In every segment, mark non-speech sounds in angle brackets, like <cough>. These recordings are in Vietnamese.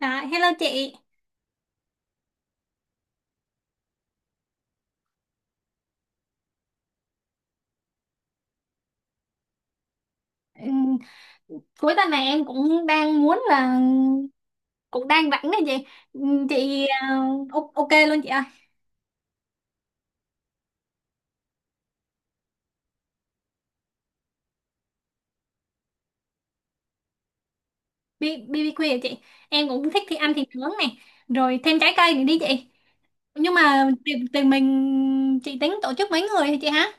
À, hello chị. Ừm, Cuối tuần này em cũng đang muốn là cũng đang rảnh đấy chị. Chị à, ok luôn chị ơi. Bi BBQ hả chị. Em cũng thích thì ăn thịt nướng này, rồi thêm trái cây nữa đi chị. Nhưng mà tiền tiền mình chị tính tổ chức mấy người hả chị hả?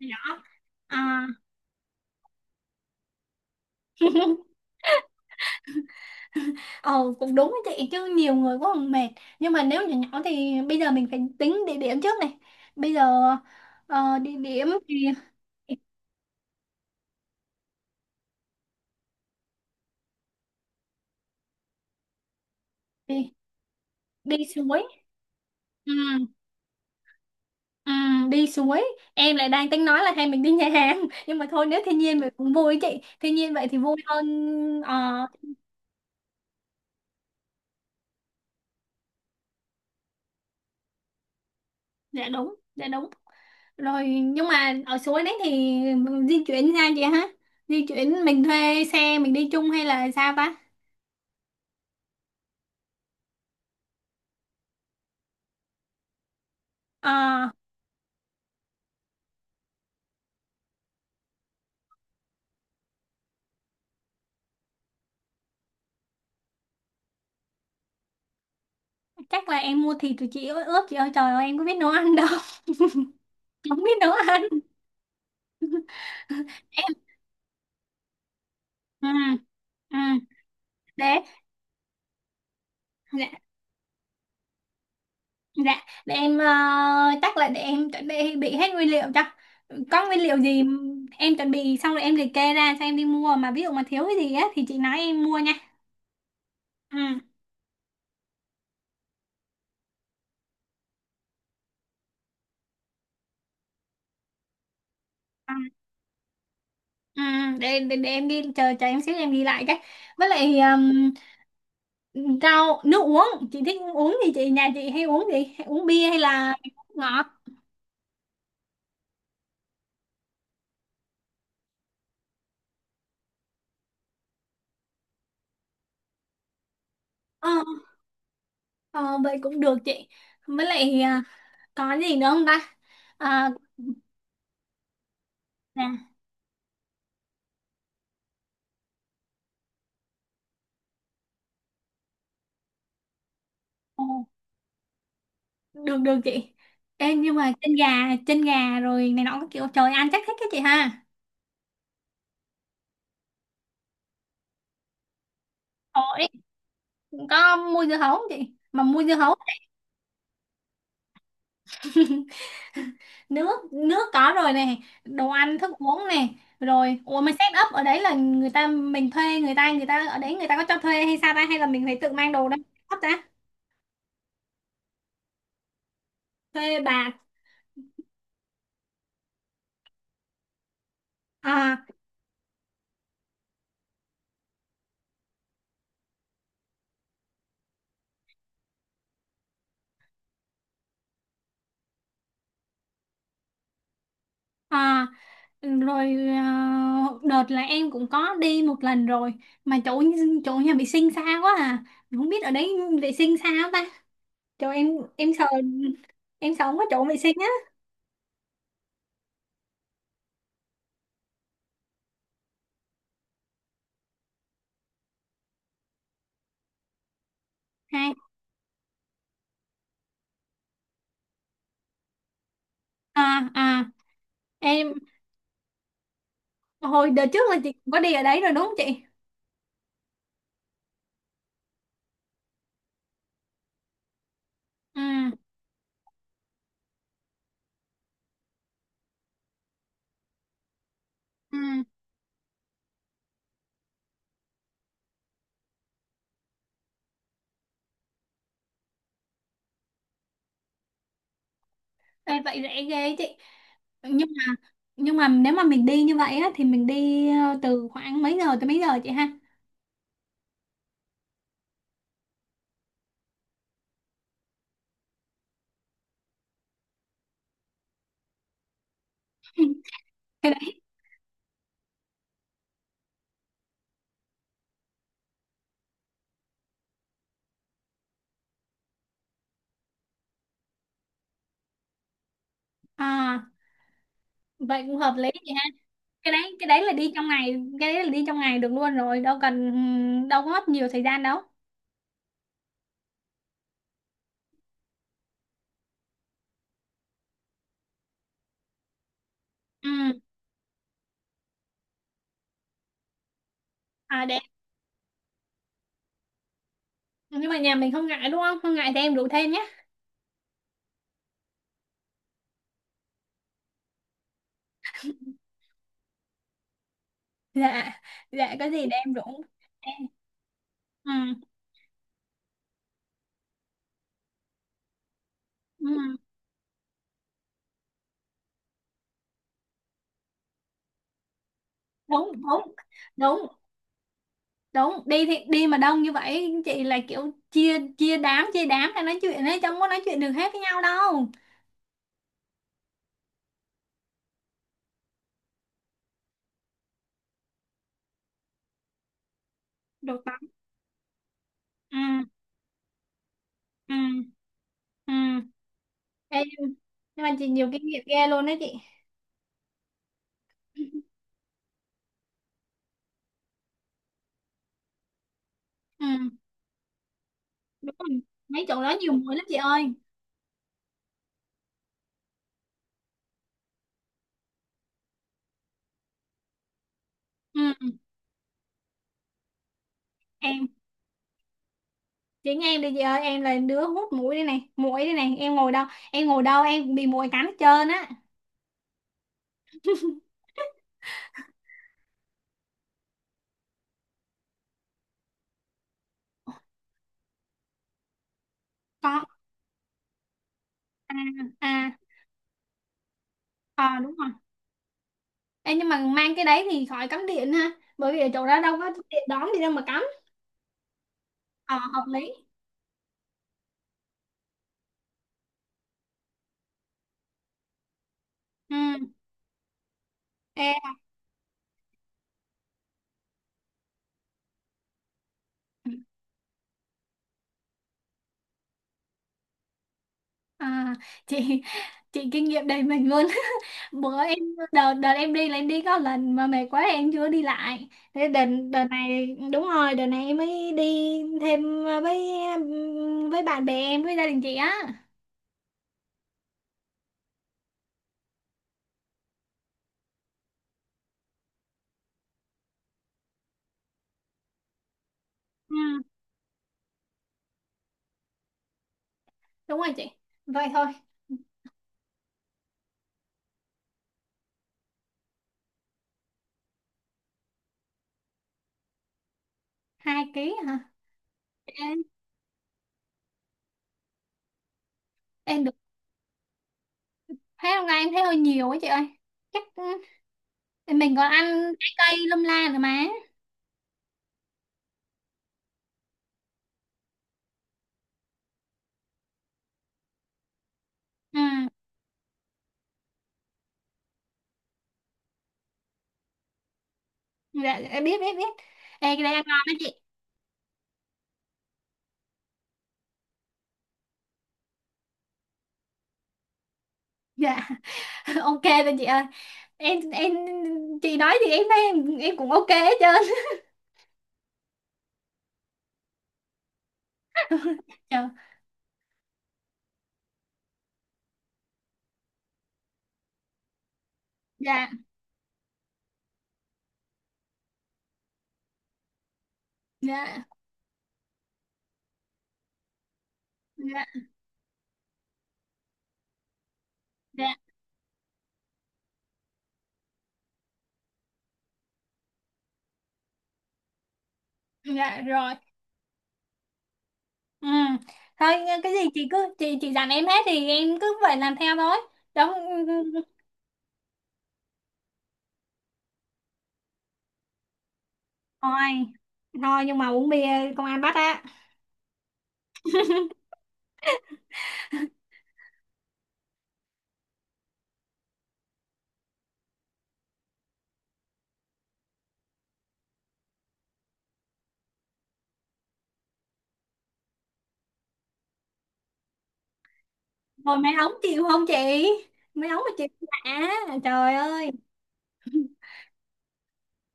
Nhỏ. À. <laughs> Ờ cũng đúng đấy chị, chứ nhiều người quá còn mệt. Nhưng mà nếu nhỏ nhỏ thì bây giờ mình phải tính địa điểm trước này. Bây giờ địa điểm thì đi, đi, đi suối. Ừ. Ừ, đi suối, em lại đang tính nói là hay mình đi nhà hàng <laughs> nhưng mà thôi nếu thiên nhiên vậy cũng vui ấy chị, thiên nhiên vậy thì vui hơn. ờ dạ đúng, dạ đúng rồi. Nhưng mà ở suối đấy thì di chuyển ra chị hả? Di chuyển mình thuê xe mình đi chung hay là sao ta? ờ Chắc là em mua thịt rồi chị ơi ướp, chị ơi trời ơi em có biết nấu ăn đâu. <laughs> Không biết nấu ăn. <laughs> Em. Ừ. Ừ. Để. Dạ, để em chắc là để em chuẩn bị hết nguyên liệu chắc. Có nguyên liệu gì em chuẩn bị xong rồi em liệt kê ra cho em đi mua, mà ví dụ mà thiếu cái gì á thì chị nói em mua nha. Ừ. Ừ, ừ, để em ghi, chờ chờ em xíu em ghi lại cái. Với lại rau, nước uống, chị thích uống gì? Chị nhà chị hay uống gì? Hay uống bia hay là uống ngọt? Ờ, ờ, vậy cũng được chị. Với lại có gì nữa không ta? À, nè, ờ, được được chị. Ê, nhưng mà chân gà rồi này nọ các kiểu trời, ăn chắc thích cái chị ha. Ồ, có mua dưa hấu không chị? Mà mua dưa hấu. Nước nước có rồi này, đồ ăn thức uống này. Rồi ủa mà set up ở đấy là người ta, mình thuê người ta, người ta ở đấy người ta có cho thuê hay sao ta, hay là mình phải tự mang đồ đâu? Hấp ta. Thuê bà. À. À. Rồi đợt là em cũng có đi một lần rồi, mà chỗ chỗ nhà vệ sinh xa quá à. Không biết ở đấy vệ sinh sao ta. Trời em sợ, em sợ không có chỗ vệ sinh á. Hay. À à. Em hồi đợt trước là chị cũng có đi ở đấy rồi đúng không chị? Ừ ừ. Ê, vậy rẻ ghê chị. Nhưng mà nhưng mà nếu mà mình đi như vậy á thì mình đi từ khoảng mấy giờ tới mấy giờ chị ha? <laughs> Cái đấy. À vậy cũng hợp lý chị ha. Cái đấy là đi trong ngày, cái đấy là đi trong ngày được luôn rồi, đâu cần, đâu có mất nhiều thời gian đâu. Ừ. À để. Nhưng mà nhà mình không ngại đúng không? Không ngại thì em rủ thêm nhé. Dạ. Dạ có gì để em rủ. Ừ, ừ, đúng đúng, đúng, đúng đi thì đi, mà đông như vậy chị là kiểu chia, chia đám ra nói chuyện ấy, chẳng có nói chuyện được hết với nhau đâu. Được lắm. Ừ. Ừ. Ừ. Ê, nhưng mà chị nhiều kinh nghiệm ghê luôn đó chị. Ừ đúng rồi, mấy chỗ đó nhiều muỗi lắm chị ơi. Ừ em, chị nghe em đi chị ơi, em là đứa hút muỗi đây này, muỗi đây này, em ngồi đâu, em ngồi đâu em cũng bị muỗi cắn hết trơn á. <laughs> Có. À. À. Ờ đúng rồi. Ê, nhưng mà mang cái đấy thì khỏi cắm điện ha, bởi vì ở chỗ đó đâu có điện đóm gì đâu mà cắm. Ờ hợp lý. Ừ. Ê, à, chị chị kinh nghiệm đầy mình luôn. <laughs> Bữa em, đợt đợt em đi là em đi có lần mà mệt quá em chưa đi lại. Thế đợt Đợt này, đúng rồi đợt này em mới đi thêm với bạn bè em với gia đình chị á. Ừ, đúng rồi chị. Vậy thôi. Hai ký hả? em, em được. Thấy hôm nay em thấy hơi nhiều quá chị ơi, chắc thì mình còn ăn trái cây lâm la nữa mà. Ừ. Dạ dạ, biết biết biết. Ê, cái đây ăn ngon đó chị. Dạ. <laughs> Ok rồi chị ơi. em em chị nói thì em thấy em cũng ok hết trơn. <laughs> dạ dạ dạ dạ dạ dạ, rồi. Ừ thôi, cái gì chị cứ chị dặn em hết thì em cứ vậy làm theo thôi. Đúng. Thôi, nhưng mà uống bia công an bắt á. Rồi mấy ống chịu không chị, mấy ống mà chịu đã, trời ơi. <laughs>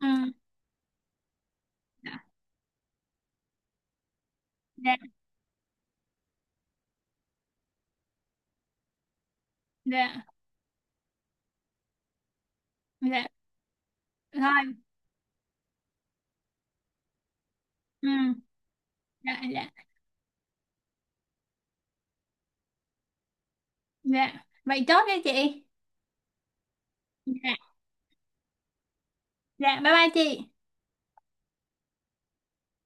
Ừ. dạ dạ Dạ thôi. Ừ. dạ dạ Dạ vậy chốt đi chị. Dạ, dạ bye bye chị.